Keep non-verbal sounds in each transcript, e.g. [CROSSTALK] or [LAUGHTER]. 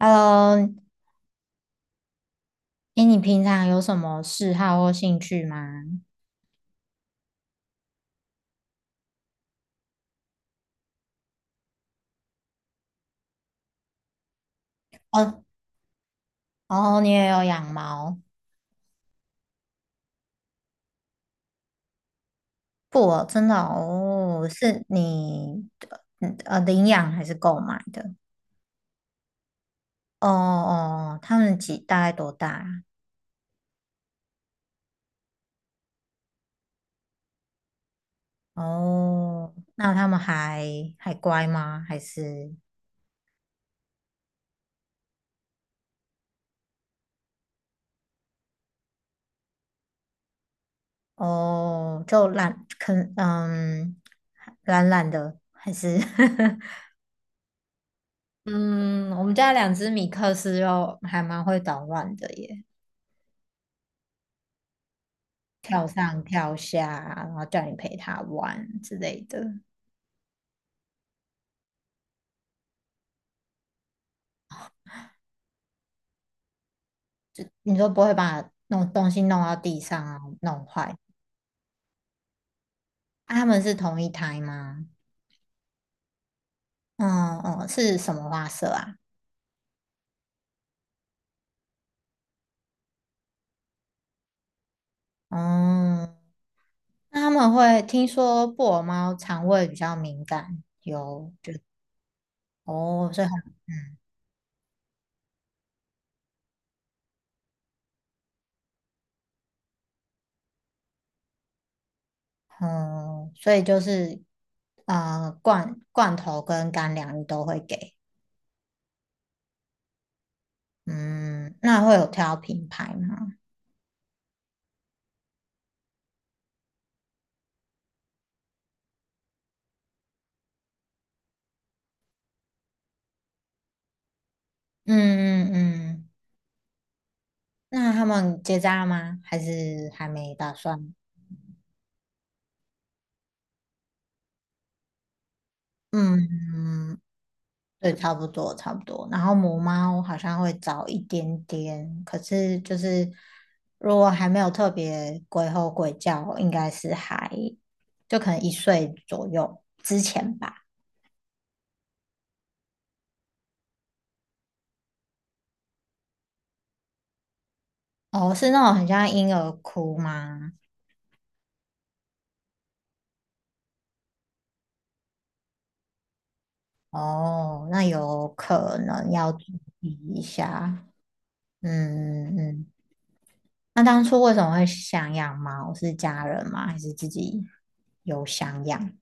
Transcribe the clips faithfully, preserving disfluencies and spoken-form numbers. Hello,哎，你平常有什么嗜好或兴趣吗？哦，哦，你也有养猫？不哦真的哦，是你嗯呃领养还是购买的？哦哦，他们几大概多大啊？哦，那他们还还乖吗？还是？哦就懒，可嗯懒懒的，还是？ [LAUGHS] 嗯，我们家两只米克斯又还蛮会捣乱的耶。跳上跳下，然后叫你陪他玩之类的。你说不会把弄东西弄到地上啊，弄坏？啊，他们是同一胎吗？嗯嗯，是什么花色啊？嗯，那他们会，听说布偶猫肠胃比较敏感，有就？哦，所以很？嗯嗯，所以就是呃罐罐头跟干粮你都会给，嗯，那会有挑品牌吗？嗯嗯嗯。那他们结扎了吗？还是还没打算？嗯，对，差不多差不多。然后母猫好像会早一点点，可是就是如果还没有特别鬼吼鬼叫，应该是还就可能一岁左右之前吧。哦，是那种很像婴儿哭吗？哦，那有可能要注意一下。嗯嗯。嗯，那当初为什么会想养猫？是家人吗？还是自己有想养？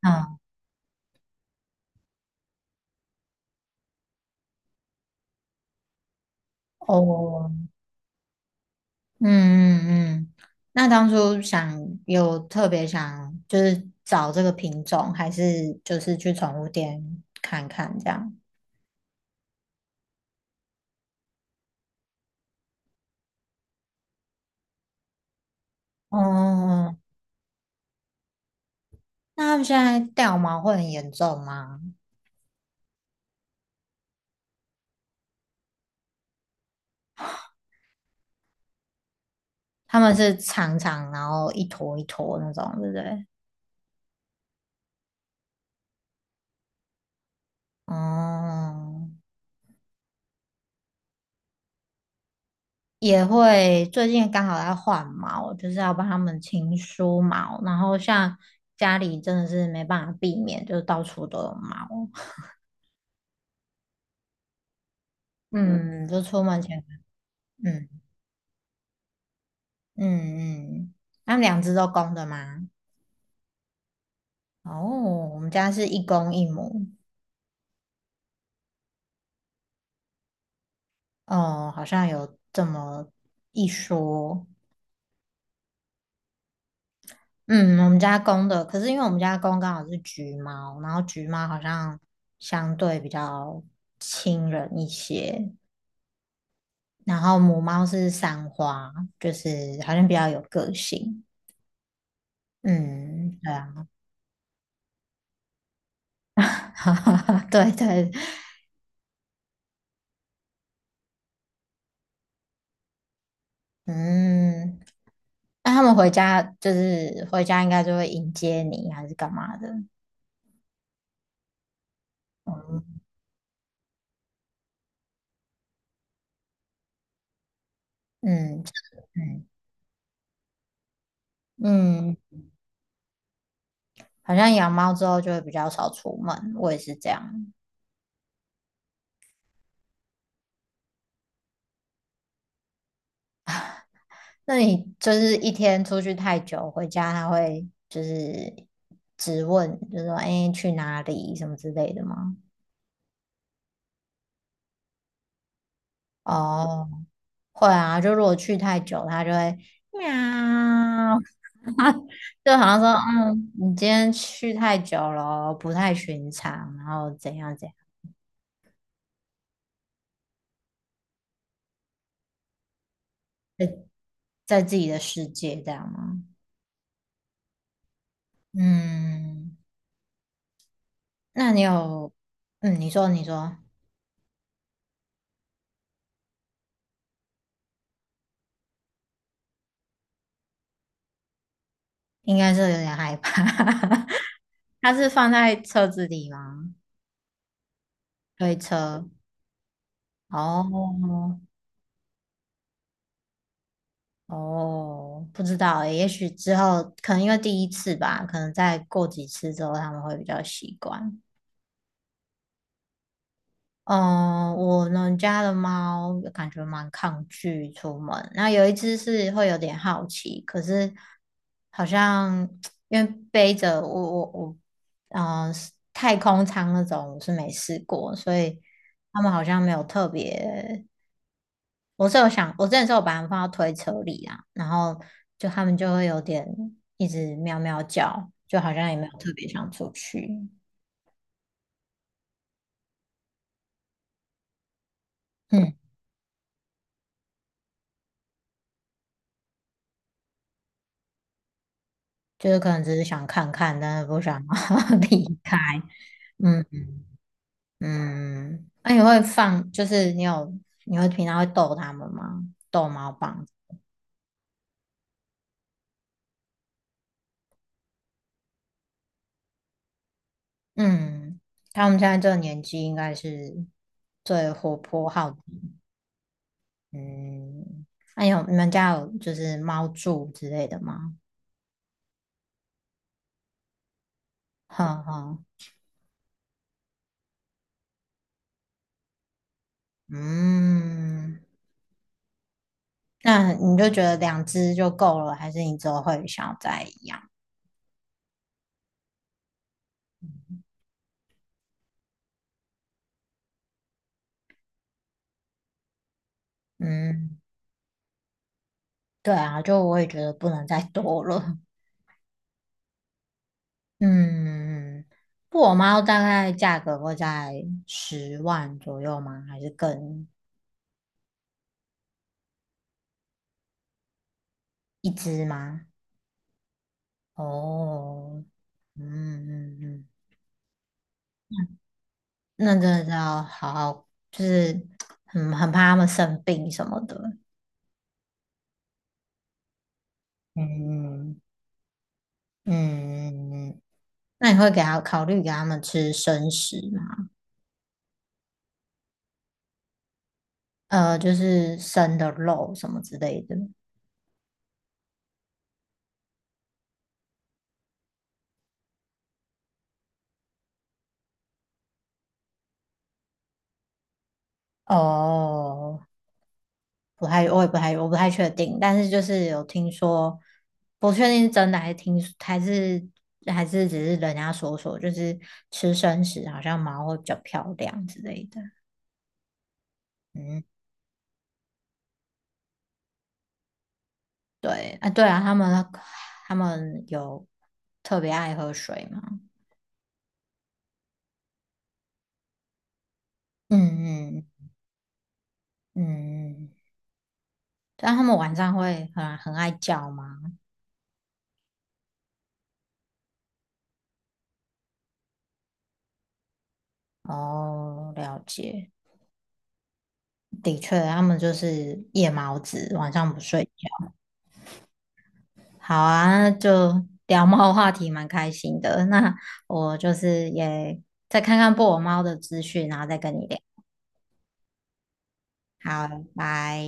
嗯，哦，嗯嗯嗯。那当初想，有特别想就是找这个品种，还是就是去宠物店看看这样？哦，那他们现在掉毛会很严重吗？他们是长长，然后一坨一坨那种，对不对？哦，也会，最近刚好在换毛，就是要帮他们清梳毛，然后像家里真的是没办法避免，就是到处都有毛，嗯，嗯，就出门前，嗯嗯嗯，他们两只都公的吗？哦，我们家是一公一母，哦，好像有这么一说，嗯，我们家公的，可是因为我们家公刚好是橘猫，然后橘猫好像相对比较亲人一些。然后母猫是三花，就是好像比较有个性。嗯，对啊，[LAUGHS] 对对，嗯，那他们回家，就是回家应该就会迎接你，还是干嘛的？嗯嗯嗯嗯，好像养猫之后就会比较少出门，我也是这样。那你就是一天出去太久，回家它会就是质问，就说哎、诶去哪里什么之类的吗？哦，会啊，就如果去太久，它就会喵，就好像说，嗯，你今天去太久了，不太寻常，然后怎样怎样，在自己的世界这样吗？嗯，那你有，嗯，你说你说，应该是有点害怕，[LAUGHS] 它是放在车子里吗？推车？哦哦，不知道欸，也许之后可能因为第一次吧，可能再过几次之后他们会比较习惯。嗯，我们家的猫感觉蛮抗拒出门。那有一只是会有点好奇，可是好像 [TSK] 因为背着我我我，嗯、呃，太空舱那种我是没试过，所以他们好像没有特别。我是有想，我之前是有把它们放到推车里啊，然后就他们就会有点一直喵喵叫，就好像也没有特别想出去。嗯。就是可能只是想看看，但是不想 [LAUGHS] 离开。嗯嗯，那、你会放，就是你有，你会平常会逗他们吗？逗猫棒？嗯，他们现在这个年纪应该是最活泼好奇。嗯，那、有，你们家有就是猫柱之类的吗？哈哈，嗯，那你就觉得两只就够了，还是你之后会想要再养？嗯，对啊，就我也觉得不能再多了。嗯，布偶猫大概价格会在十万左右吗？还是更？一只吗？哦，嗯嗯嗯，那真的是要好好，就是很很怕它们生病什么的。嗯嗯，那你会给它考虑给它们吃生食吗？呃，就是生的肉什么之类的。哦，不太，我也不太，我不太确定，但是就是有听说，不确定是真的还是听，还是还是只是人家说说，就是吃生食好像毛会比较漂亮之类的。嗯，对，啊，对啊，他们他们有特别爱喝水吗？嗯嗯嗯，但他们晚上会很很爱叫吗？哦，了解，的确，他们就是夜猫子，晚上不睡觉。好啊，那就聊猫话题蛮开心的。那我就是也再看看布偶猫的资讯，然后再跟你聊。好，拜。